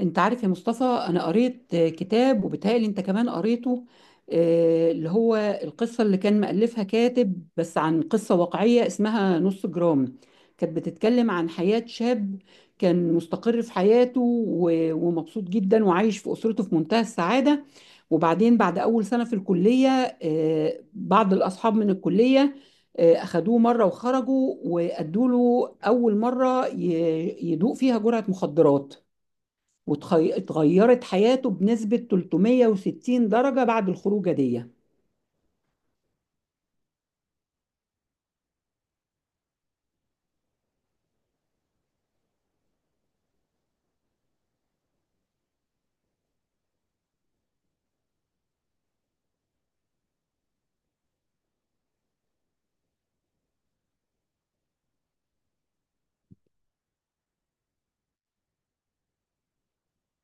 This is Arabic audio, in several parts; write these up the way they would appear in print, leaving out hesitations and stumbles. انت عارف يا مصطفى، انا قريت كتاب وبيتهيألي انت كمان قريته، اللي هو القصة اللي كان مألفها كاتب بس عن قصة واقعية اسمها نص جرام. كانت بتتكلم عن حياة شاب كان مستقر في حياته و- ومبسوط جدا وعايش في أسرته في منتهى السعادة. وبعدين بعد أول سنة في الكلية، بعض الأصحاب من الكلية أخدوه مرة وخرجوا وأدوا له أول مرة يدوق فيها جرعة مخدرات، واتغيرت حياته بنسبة 360 درجة بعد الخروجة دي.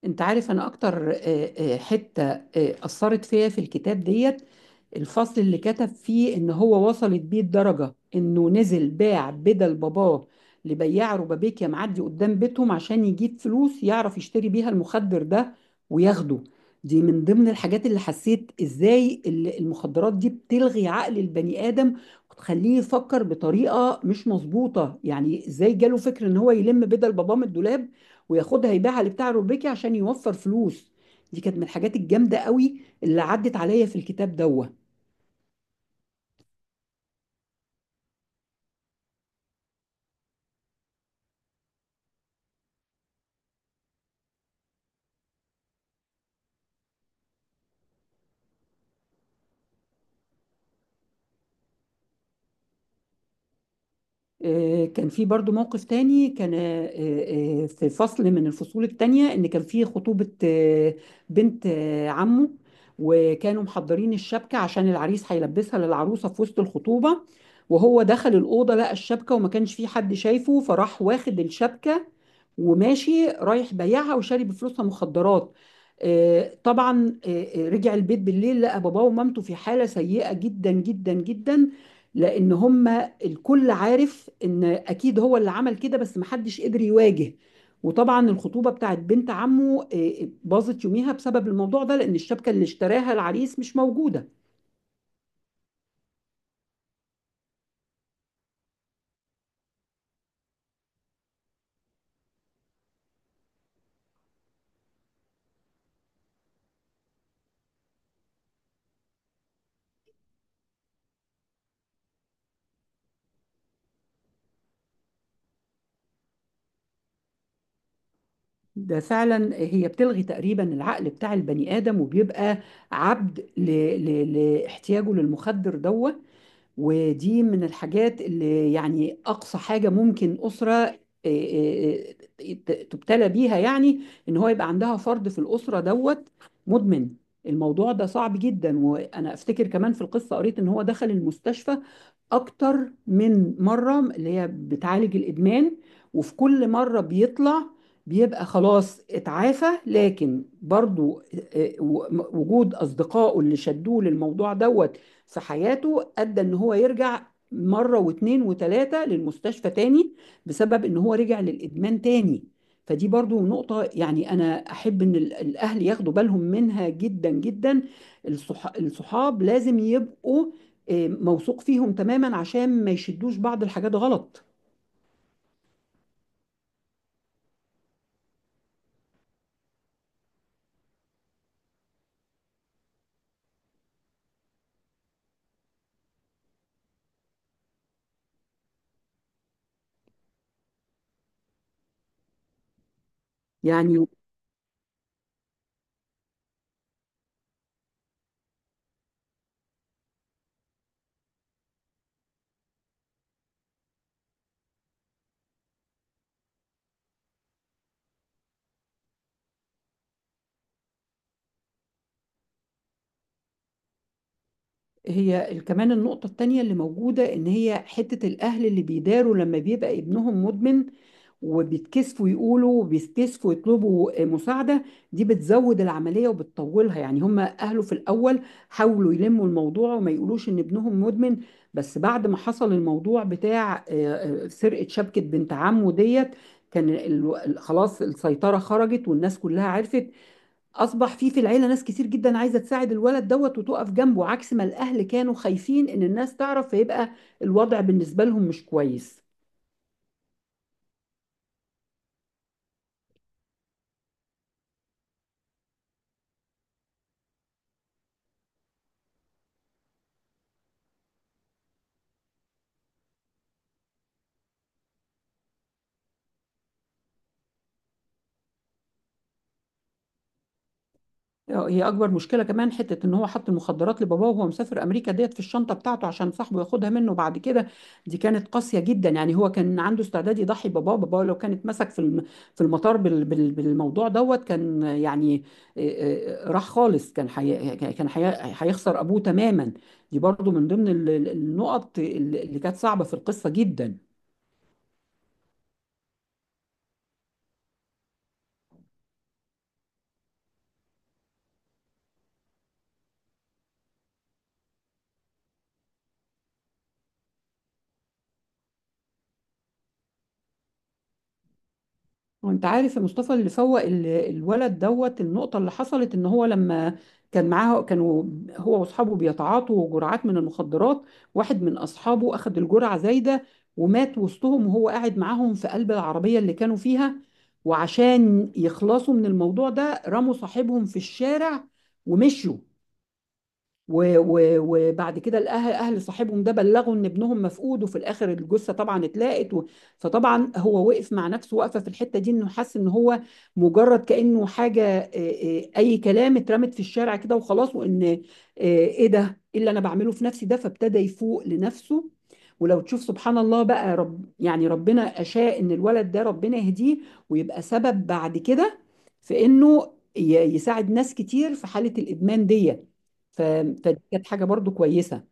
انت عارف، انا اكتر حتة اثرت فيا في الكتاب ديت الفصل اللي كتب فيه ان هو وصلت بيه الدرجة انه نزل باع بدل باباه لبياع ربابيكيا معدي قدام بيتهم عشان يجيب فلوس يعرف يشتري بيها المخدر ده وياخده. دي من ضمن الحاجات اللي حسيت ازاي المخدرات دي بتلغي عقل البني ادم وتخليه يفكر بطريقة مش مظبوطة. يعني ازاي جاله فكر ان هو يلم بدل باباه من الدولاب وياخدها يبيعها لبتاع روبيكي عشان يوفر فلوس. دي كانت من الحاجات الجامده قوي اللي عدت عليا في الكتاب دوه. كان في برضو موقف تاني كان في فصل من الفصول التانية ان كان في خطوبة بنت عمه، وكانوا محضرين الشبكة عشان العريس هيلبسها للعروسة في وسط الخطوبة. وهو دخل الأوضة لقى الشبكة وما كانش في حد شايفه، فراح واخد الشبكة وماشي رايح بيعها وشاري بفلوسها مخدرات. طبعا رجع البيت بالليل لقى باباه ومامته في حالة سيئة جدا جدا جدا، لان هم الكل عارف ان اكيد هو اللي عمل كده، بس محدش قدر يواجه. وطبعا الخطوبه بتاعت بنت عمه باظت يوميها بسبب الموضوع ده لان الشبكه اللي اشتراها العريس مش موجوده. ده فعلا هي بتلغي تقريبا العقل بتاع البني ادم وبيبقى عبد ل... لاحتياجه للمخدر دوه. ودي من الحاجات اللي يعني أقصى حاجة ممكن أسرة آه، تبتلى بيها، يعني إن هو يبقى عندها فرد في الأسرة دوت مدمن. الموضوع ده صعب جدا، وأنا أفتكر كمان في القصة قريت إن هو دخل المستشفى اكتر من مرة اللي هي بتعالج الادمان، وفي كل مرة بيطلع بيبقى خلاص اتعافى، لكن برضو وجود اصدقائه اللي شدوه للموضوع دوت في حياته ادى ان هو يرجع مرة واتنين وتلاتة للمستشفى تاني بسبب ان هو رجع للادمان تاني. فدي برضو نقطة يعني انا احب ان الاهل ياخدوا بالهم منها جدا جدا. الصحاب لازم يبقوا موثوق فيهم تماما عشان ما يشدوش بعض الحاجات غلط يعني. هي كمان النقطة التانية اللي موجودة إن هي حتة الأهل اللي بيداروا لما بيبقى ابنهم مدمن وبيتكسفوا يقولوا وبيتكسفوا يطلبوا مساعدة، دي بتزود العملية وبتطولها. يعني هم أهله في الأول حاولوا يلموا الموضوع وما يقولوش إن ابنهم مدمن، بس بعد ما حصل الموضوع بتاع سرقة شبكة بنت عمه ديت كان خلاص السيطرة خرجت والناس كلها عرفت. اصبح في في العيله ناس كتير جدا عايزه تساعد الولد دوت وتقف جنبه، عكس ما الاهل كانوا خايفين ان الناس تعرف فيبقى الوضع بالنسبه لهم مش كويس. هي اكبر مشكله كمان حته ان هو حط المخدرات لباباه وهو مسافر امريكا ديت في الشنطه بتاعته عشان صاحبه ياخدها منه بعد كده. دي كانت قاسيه جدا، يعني هو كان عنده استعداد يضحي باباه باباه لو كانت مسك في في المطار بالموضوع دوت، كان يعني راح خالص. هيخسر ابوه تماما. دي برضو من ضمن النقط اللي كانت صعبه في القصه جدا. وانت عارف يا مصطفى، اللي فوق الولد دوت النقطة اللي حصلت ان هو لما كان معاه كانوا هو واصحابه بيتعاطوا جرعات من المخدرات، واحد من اصحابه اخذ الجرعة زايدة ومات وسطهم وهو قاعد معاهم في قلب العربية اللي كانوا فيها، وعشان يخلصوا من الموضوع ده رموا صاحبهم في الشارع ومشوا. و- و- وبعد كده الاهل اهل صاحبهم ده بلغوا ان ابنهم مفقود وفي الاخر الجثه طبعا اتلاقت. و... فطبعا هو وقف مع نفسه واقفه في الحته دي انه حس ان هو مجرد كانه حاجه اي كلام اترمت في الشارع كده وخلاص. وان ايه ده، ايه اللي انا بعمله في نفسي ده؟ فابتدى يفوق لنفسه. ولو تشوف سبحان الله بقى، رب يعني ربنا اشاء ان الولد ده ربنا يهديه ويبقى سبب بعد كده في انه يساعد ناس كتير في حاله الادمان دي. ف- فدي كانت حاجة برضو كويسة.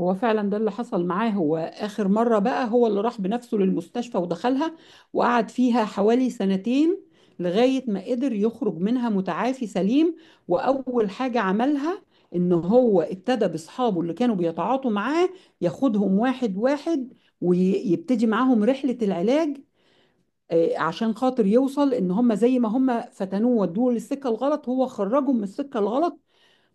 هو فعلا ده اللي حصل معاه، هو آخر مرة بقى هو اللي راح بنفسه للمستشفى ودخلها وقعد فيها حوالي سنتين لغاية ما قدر يخرج منها متعافي سليم. وأول حاجة عملها إن هو ابتدى بأصحابه اللي كانوا بيتعاطوا معاه ياخدهم واحد واحد ويبتدي معاهم رحلة العلاج، عشان خاطر يوصل إن هم زي ما هم فتنوه ودوه للسكة الغلط هو خرجهم من السكة الغلط.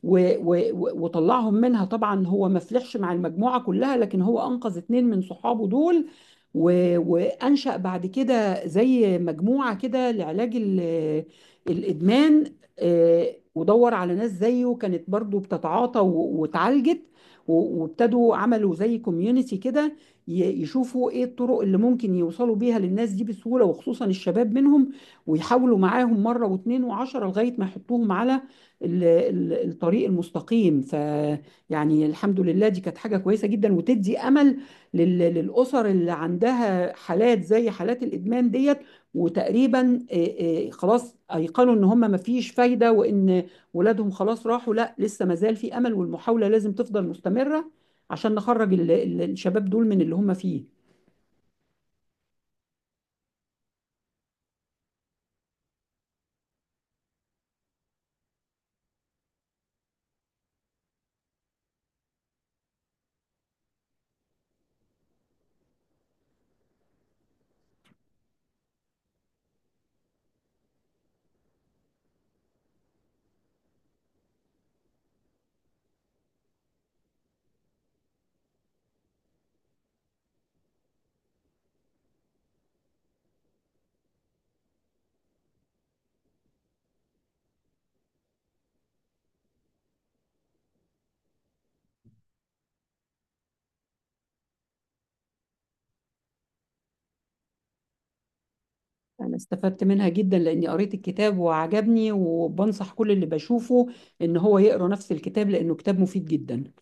و- و- و- وطلعهم منها. طبعا هو ما فلحش مع المجموعة كلها، لكن هو أنقذ اتنين من صحابه دول، و- وأنشأ بعد كده زي مجموعة كده لعلاج الإدمان. ودور على ناس زيه كانت برضو بتتعاطى واتعالجت، وابتدوا عملوا زي كوميونيتي كده يشوفوا ايه الطرق اللي ممكن يوصلوا بيها للناس دي بسهولة وخصوصا الشباب منهم، ويحاولوا معاهم مرة واتنين وعشرة لغاية ما يحطوهم على الطريق المستقيم. فيعني الحمد لله دي كانت حاجة كويسة جدا وتدي أمل للأسر اللي عندها حالات زي حالات الإدمان ديت وتقريبا خلاص أيقنوا إن هم مفيش فايدة وإن ولادهم خلاص راحوا. لا، لسه مازال في أمل والمحاولة لازم تفضل مستمرة عشان نخرج الشباب دول من اللي هم فيه. أنا استفدت منها جدا لأني قريت الكتاب وعجبني، وبنصح كل اللي بشوفه إن هو يقرأ نفس الكتاب لأنه كتاب مفيد جدا.